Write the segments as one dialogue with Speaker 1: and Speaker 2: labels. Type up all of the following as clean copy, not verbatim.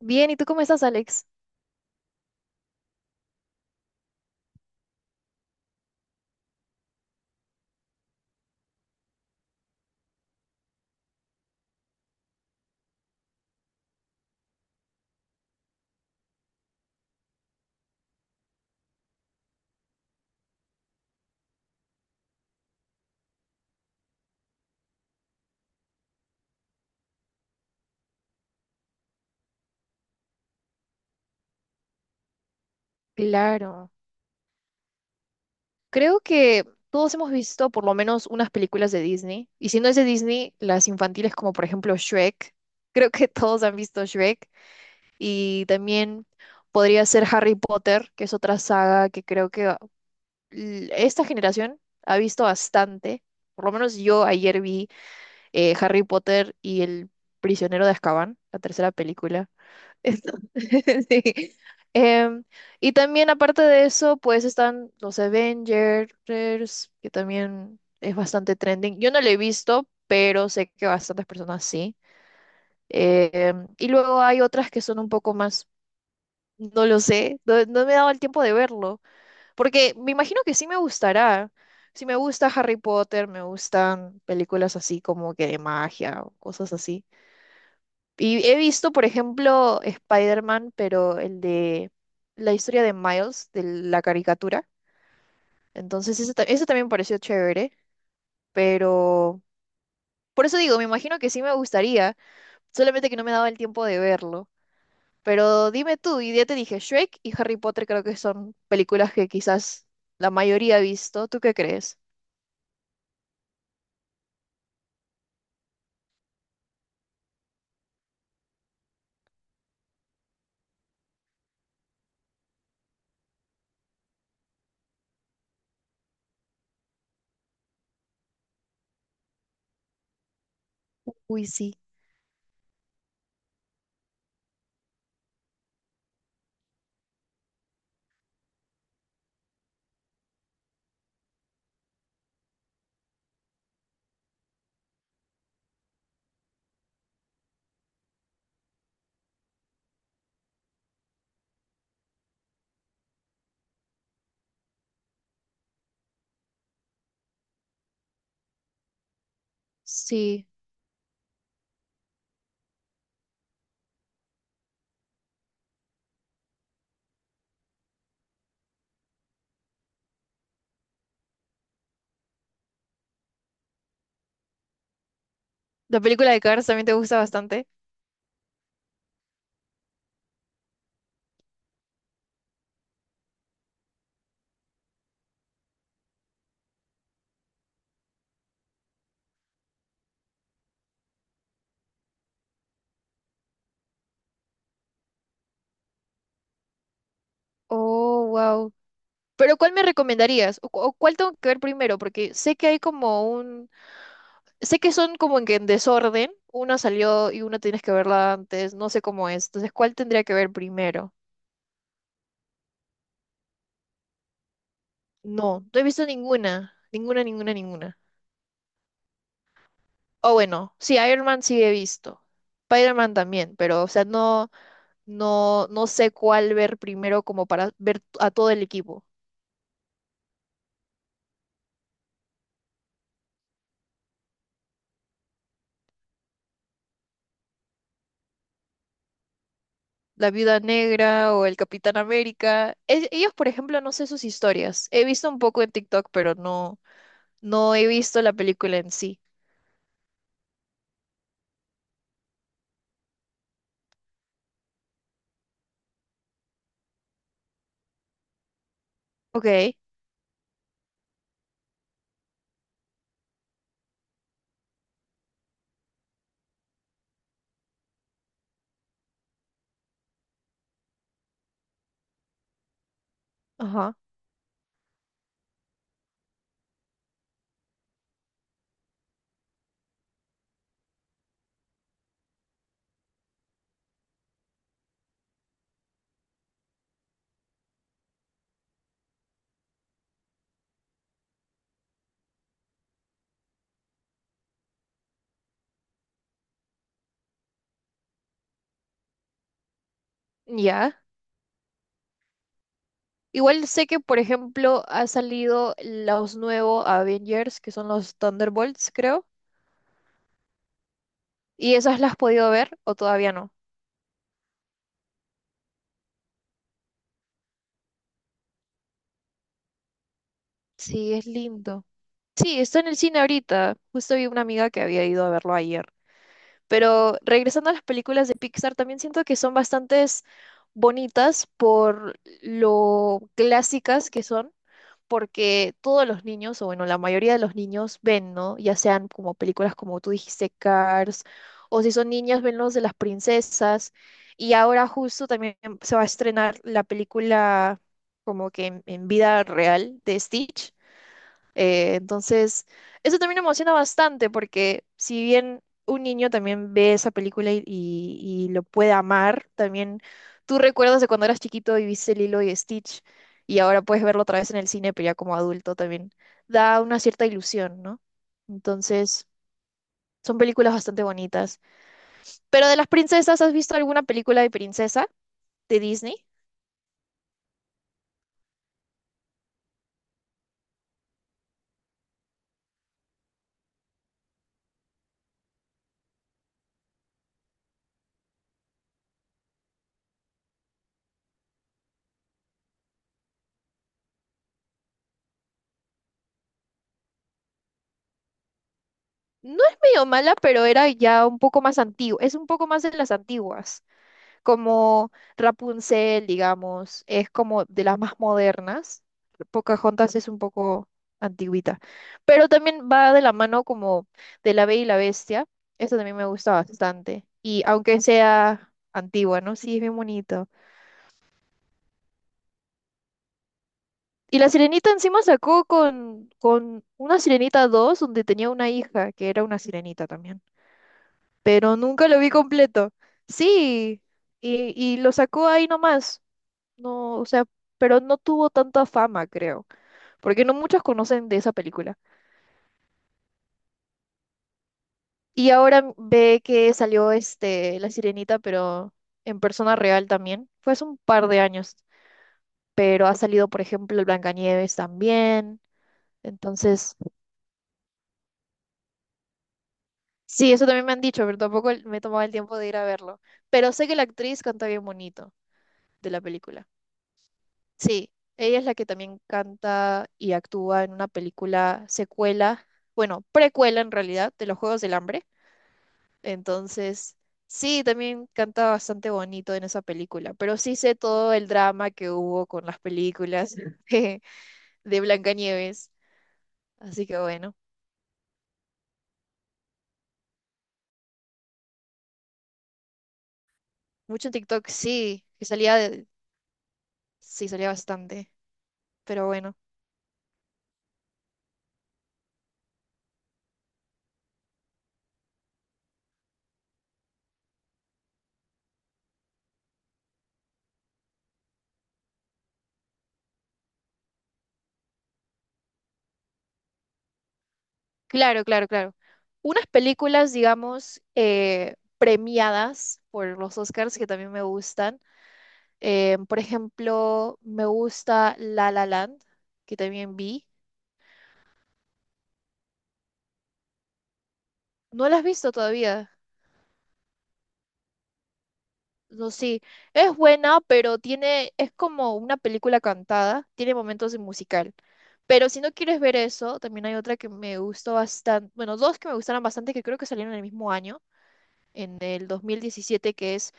Speaker 1: Bien, ¿y tú cómo estás, Alex? Claro. Creo que todos hemos visto por lo menos unas películas de Disney. Y si no es de Disney, las infantiles como por ejemplo Shrek. Creo que todos han visto Shrek. Y también podría ser Harry Potter, que es otra saga que creo que esta generación ha visto bastante. Por lo menos yo ayer vi Harry Potter y El Prisionero de Azkaban, la tercera película. Esto. Sí. Em, y también aparte de eso, pues están los Avengers, que también es bastante trending. Yo no lo he visto, pero sé que bastantes personas sí. Y luego hay otras que son un poco más, no lo sé, no, no me he dado el tiempo de verlo, porque me imagino que sí me gustará. Sí me gusta Harry Potter, me gustan películas así como que de magia o cosas así. Y he visto, por ejemplo, Spider-Man, pero el de la historia de Miles, de la caricatura. Entonces, ese también pareció chévere, pero por eso digo, me imagino que sí me gustaría, solamente que no me daba el tiempo de verlo. Pero dime tú, y ya te dije, Shrek y Harry Potter creo que son películas que quizás la mayoría ha visto. ¿Tú qué crees? Uy, sí. Sí. La película de Cars también te gusta bastante. Oh, wow. Pero ¿cuál me recomendarías? ¿O cuál tengo que ver primero? Porque sé que hay como un. Sé que son como en que en desorden. Una salió y una tienes que verla antes. No sé cómo es. Entonces, ¿cuál tendría que ver primero? No, no he visto ninguna. Ninguna, ninguna, ninguna. O bueno, sí, Iron Man sí he visto. Spider-Man también, pero o sea, no, no, no sé cuál ver primero como para ver a todo el equipo. La Viuda Negra o el Capitán América. Ellos, por ejemplo, no sé sus historias. He visto un poco en TikTok, pero no. No he visto la película en sí. Ok, ajá, ya. Igual sé que, por ejemplo, ha salido los nuevos Avengers, que son los Thunderbolts, creo. ¿Y esas las has podido ver o todavía no? Sí, es lindo. Sí, está en el cine ahorita. Justo vi una amiga que había ido a verlo ayer. Pero regresando a las películas de Pixar, también siento que son bastantes bonitas por lo clásicas que son. Porque todos los niños, o bueno, la mayoría de los niños ven, ¿no? Ya sean como películas como tú dijiste, Cars, o si son niñas, ven los de las princesas. Y ahora justo también se va a estrenar la película como que en, vida real de Stitch. Entonces, eso también emociona bastante porque si bien un niño también ve esa película y lo puede amar, también tú recuerdas de cuando eras chiquito y viste Lilo y Stitch y ahora puedes verlo otra vez en el cine, pero ya como adulto también da una cierta ilusión, ¿no? Entonces, son películas bastante bonitas. Pero de las princesas, ¿has visto alguna película de princesa de Disney? No es medio mala, pero era ya un poco más antigua, es un poco más de las antiguas. Como Rapunzel, digamos, es como de las más modernas. Pocahontas es un poco antiguita, pero también va de la mano como de La Bella y la Bestia. Esto también me gusta bastante. Y aunque sea antigua, ¿no? Sí, es bien bonito. Y la sirenita encima sacó con una sirenita 2, donde tenía una hija que era una sirenita también. Pero nunca lo vi completo. Sí, y lo sacó ahí nomás. No, o sea, pero no tuvo tanta fama, creo, porque no muchos conocen de esa película. Y ahora ve que salió este La Sirenita, pero en persona real también. Fue hace un par de años, pero ha salido, por ejemplo, el Blancanieves también. Entonces, sí, eso también me han dicho, pero tampoco me tomaba el tiempo de ir a verlo. Pero sé que la actriz canta bien bonito de la película. Sí, ella es la que también canta y actúa en una película secuela, bueno, precuela en realidad, de los Juegos del Hambre. Entonces, sí, también canta bastante bonito en esa película, pero sí sé todo el drama que hubo con las películas de, de Blancanieves. Así que bueno, mucho en TikTok, sí, que salía sí, salía bastante, pero bueno, claro, claro, claro. Unas películas, digamos, premiadas por los Oscars que también me gustan. Por ejemplo, me gusta La La Land, que también vi. ¿No la has visto todavía? No, sí, es buena, pero tiene, es como una película cantada, tiene momentos de musical. Pero si no quieres ver eso, también hay otra que me gustó bastante, bueno, dos que me gustaron bastante que creo que salieron en el mismo año, en el 2017 que es,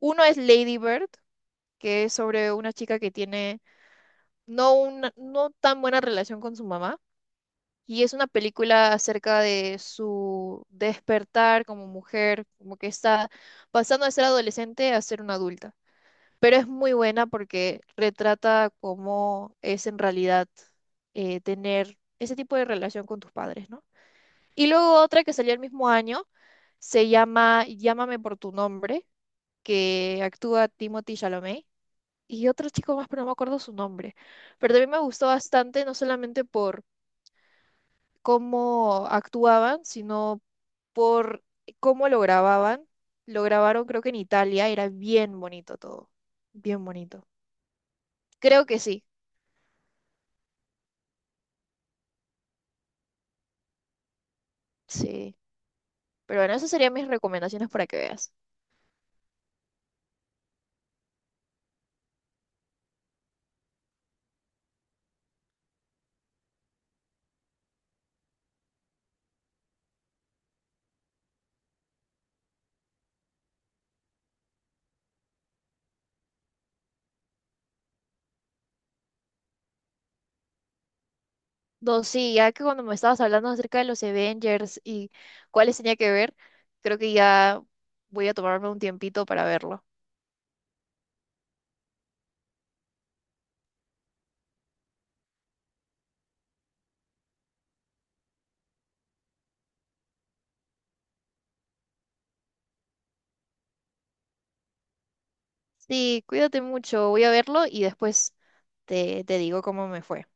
Speaker 1: uno es Lady Bird, que es sobre una chica que tiene no una, no tan buena relación con su mamá, y es una película acerca de su despertar como mujer, como que está pasando de ser adolescente a ser una adulta. Pero es muy buena porque retrata cómo es en realidad tener ese tipo de relación con tus padres, ¿no? Y luego otra que salió el mismo año se llama Llámame por tu nombre, que actúa Timothy Chalamet y otro chico más, pero no me acuerdo su nombre. Pero también me gustó bastante, no solamente por cómo actuaban, sino por cómo lo grababan. Lo grabaron creo que en Italia, era bien bonito todo, bien bonito. Creo que sí. Sí, pero bueno, esas serían mis recomendaciones para que veas. Dos, sí, ya que cuando me estabas hablando acerca de los Avengers y cuáles tenía que ver, creo que ya voy a tomarme un tiempito para verlo. Sí, cuídate mucho, voy a verlo y después te digo cómo me fue.